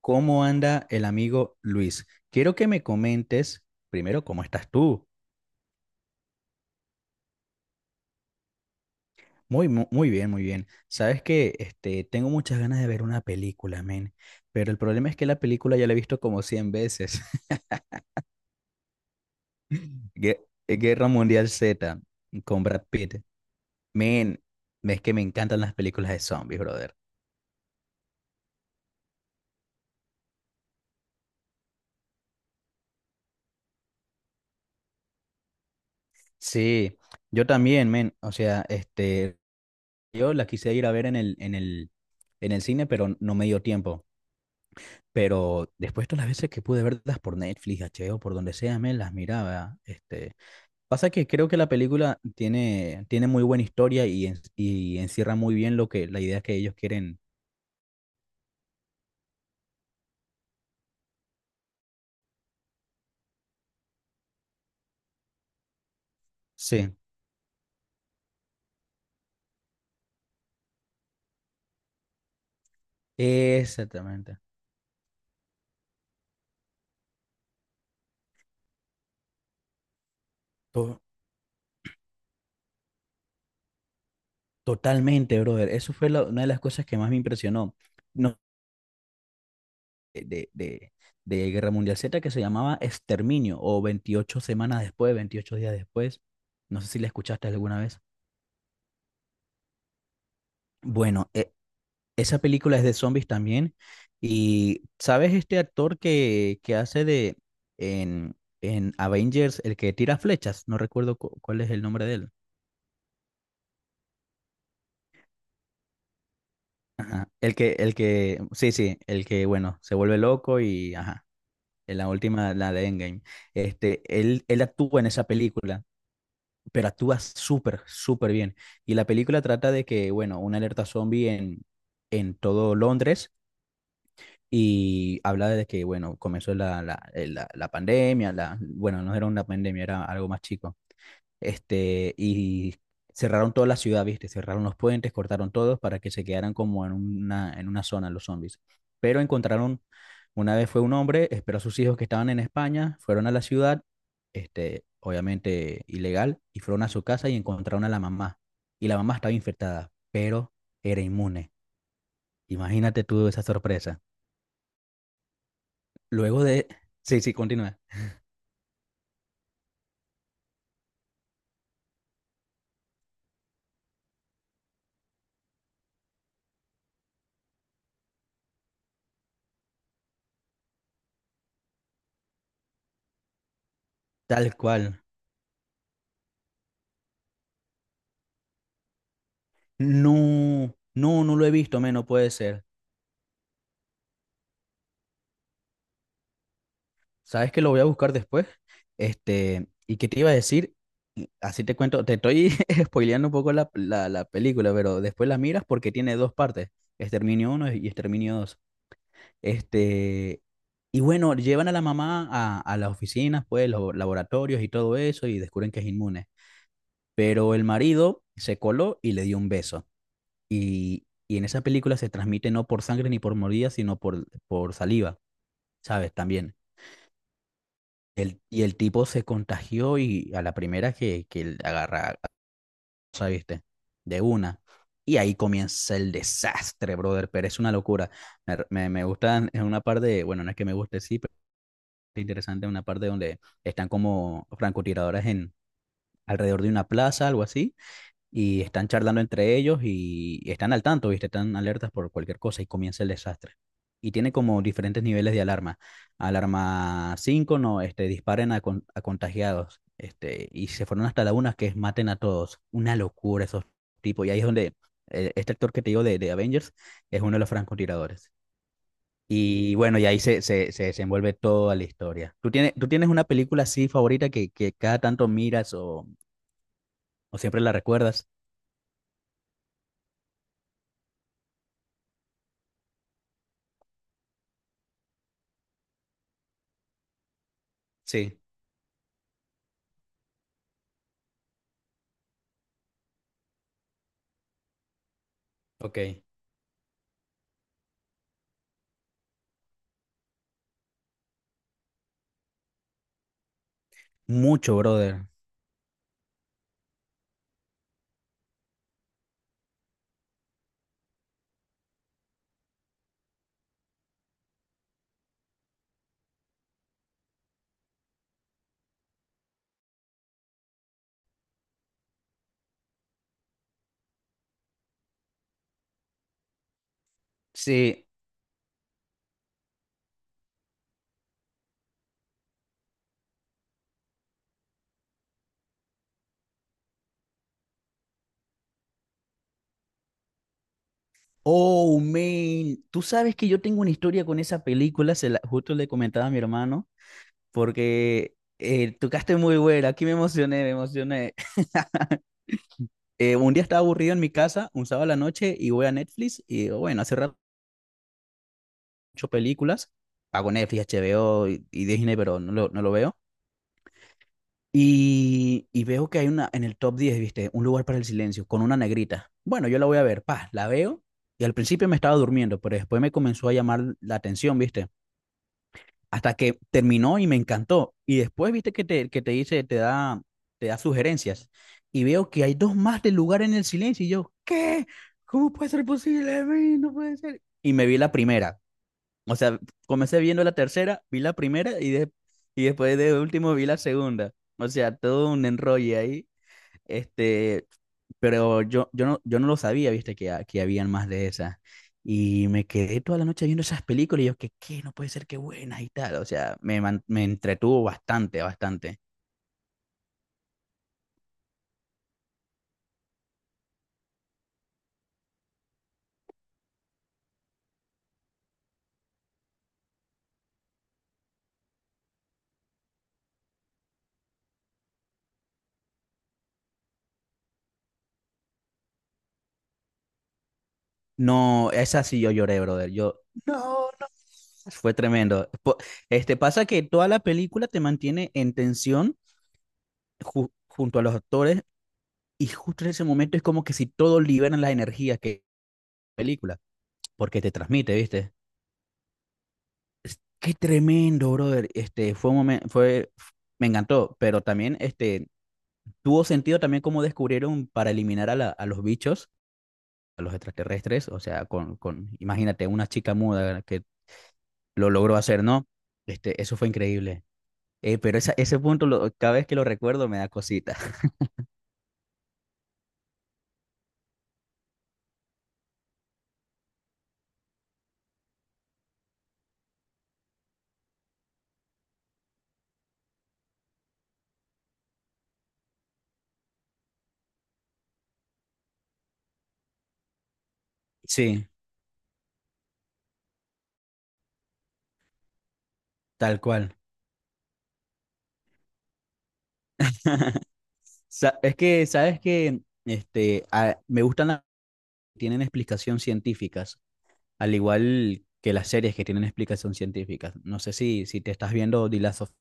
¿Cómo anda el amigo Luis? Quiero que me comentes primero cómo estás tú. Muy bien, muy bien. Sabes que tengo muchas ganas de ver una película, men. Pero el problema es que la película ya la he visto como 100 veces. Guerra Mundial Z, con Brad Pitt. Men, es que me encantan las películas de zombies, brother. Sí, yo también, men. O sea, yo la quise ir a ver en el cine, pero no me dio tiempo. Pero después todas las veces que pude verlas por Netflix, HBO, por donde sea, me las miraba. Pasa que creo que la película tiene muy buena historia y, y encierra muy bien lo que, la idea que ellos quieren. Sí, exactamente. To- totalmente, brother. Eso fue una de las cosas que más me impresionó. No, de, de, de Guerra Mundial Z que se llamaba Exterminio o 28 semanas después, 28 días después. No sé si la escuchaste alguna vez. Bueno, esa película es de zombies también. Y, ¿sabes este actor que hace de en, en Avengers, el que tira flechas? No recuerdo cuál es el nombre de él. Ajá. El que, sí, sí, el que, bueno, se vuelve loco y, ajá, en la última, la de Endgame. Este, él actúa en esa película, pero actúa súper bien. Y la película trata de que, bueno, una alerta zombie en todo Londres y habla de que, bueno, comenzó la pandemia, la, bueno, no era una pandemia, era algo más chico, y cerraron toda la ciudad, ¿viste? Cerraron los puentes, cortaron todos para que se quedaran como en una zona los zombies. Pero encontraron, una vez fue un hombre, esperó a sus hijos que estaban en España, fueron a la ciudad, obviamente ilegal, y fueron a su casa y encontraron a la mamá. Y la mamá estaba infectada, pero era inmune. Imagínate tú esa sorpresa. Luego de... Sí, sí, continúa. Tal cual. No lo he visto, men, no puede ser. ¿Sabes que lo voy a buscar después? Este, ¿y qué te iba a decir? Y así te cuento, te estoy spoileando un poco la película, pero después la miras porque tiene dos partes, Exterminio uno y Exterminio dos. Este, y bueno, llevan a la mamá a las oficinas, pues, los laboratorios y todo eso, y descubren que es inmune. Pero el marido se coló y le dio un beso. Y en esa película se transmite no por sangre ni por mordida, sino por saliva, ¿sabes? También. Y el tipo se contagió y a la primera que él agarra, ¿sabes? ¿Viste? De una. Y ahí comienza el desastre, brother, pero es una locura. Me gustan es una parte, bueno, no es que me guste, sí, pero es interesante una parte donde están como francotiradores en alrededor de una plaza, algo así, y están charlando entre ellos y están al tanto, ¿viste? Están alertas por cualquier cosa y comienza el desastre. Y tiene como diferentes niveles de alarma. Alarma 5 no, disparen a, a contagiados. Este, y se fueron hasta la una que es maten a todos. Una locura esos tipos. Y ahí es donde este actor que te digo de Avengers es uno de los francotiradores. Y bueno, y ahí se desenvuelve toda la historia. ¿Tú tienes una película así favorita que cada tanto miras o siempre la recuerdas? Sí, ok. Mucho, brother. Sí. Oh, man. Tú sabes que yo tengo una historia con esa película, justo le comentaba a mi hermano, porque tocaste muy buena. Aquí me emocioné, me emocioné. Un día estaba aburrido en mi casa, un sábado a la noche, y voy a Netflix y digo, bueno, hace rato he hecho películas. Pago Netflix, HBO y Disney, pero no lo veo. Y veo que hay una en el top 10 viste, un lugar para el silencio con una negrita. Bueno, yo la voy a ver, pa, la veo y al principio me estaba durmiendo, pero después me comenzó a llamar la atención, viste, hasta que terminó y me encantó. Y después, viste, que te dice, te da sugerencias y veo que hay dos más del lugar en el silencio y yo, ¿qué? ¿Cómo puede ser posible? Ay, no puede ser. Y me vi la primera, o sea, comencé viendo la tercera, vi la primera y, y después de último vi la segunda. O sea, todo un enrollo ahí. Este, pero yo no lo sabía, viste, que, que habían más de esas. Y me quedé toda la noche viendo esas películas y yo, que qué, no puede ser qué buenas y tal. O sea, me entretuvo bastante, bastante. No, esa sí yo lloré, brother. Yo, no, no. Fue tremendo. Este pasa que toda la película te mantiene en tensión junto a los actores. Y justo en ese momento es como que si todos liberan las energías que película, porque te transmite, ¿viste? Qué tremendo, brother. Este, fue un momento, fue, me encantó, pero también, tuvo sentido también cómo descubrieron para eliminar a, a los bichos, a los extraterrestres, o sea, imagínate, una chica muda que lo logró hacer, ¿no? Este, eso fue increíble. Pero esa, ese punto, cada vez que lo recuerdo, me da cosita. Sí, tal cual. Es que, ¿sabes que me gustan tienen explicación científicas, al igual que las series que tienen explicación científica? No sé si, si te estás viendo The Last of Us.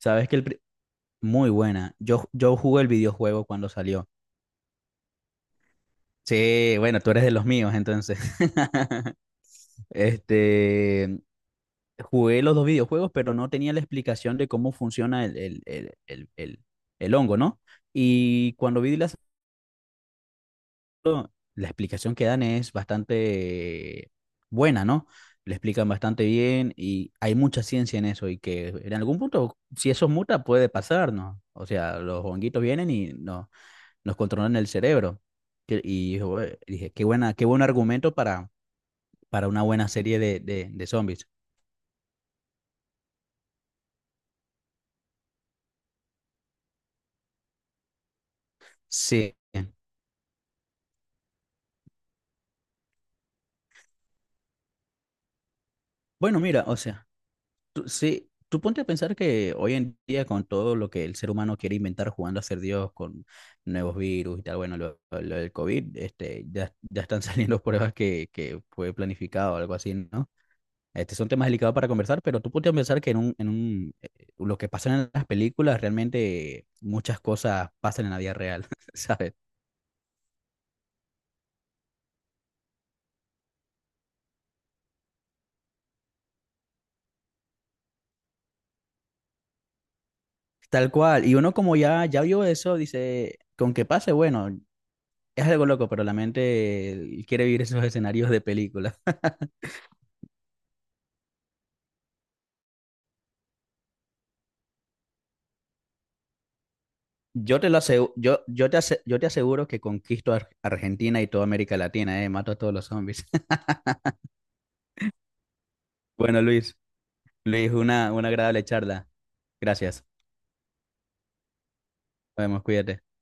Sabes que el... muy buena. Yo jugué el videojuego cuando salió. Sí, bueno, tú eres de los míos, entonces. Este, jugué los dos videojuegos, pero no tenía la explicación de cómo funciona el hongo, ¿no? Y cuando vi las, la explicación que dan es bastante buena, ¿no? Le explican bastante bien y hay mucha ciencia en eso y que en algún punto, si eso muta, puede pasar, ¿no? O sea, los honguitos vienen y no, nos controlan el cerebro. Dije, qué buena, qué buen argumento para una buena serie de, de zombies. Sí. Bueno, mira, o sea. Sí, tú ponte a pensar que hoy en día con todo lo que el ser humano quiere inventar jugando a ser Dios con nuevos virus y tal, bueno, lo del COVID, este, ya están saliendo pruebas que fue planificado o algo así, ¿no? Este, son temas delicados para conversar, pero tú ponte a pensar que en lo que pasa en las películas, realmente muchas cosas pasan en la vida real, ¿sabes? Tal cual. Y uno como ya vio eso, dice, con que pase, bueno, es algo loco, pero la mente quiere vivir esos escenarios de película. Yo te lo aseguro, yo te aseguro que conquisto Argentina y toda América Latina, mato a todos los zombies. Bueno, Luis, una agradable charla. Gracias. Nos vemos, cuídate.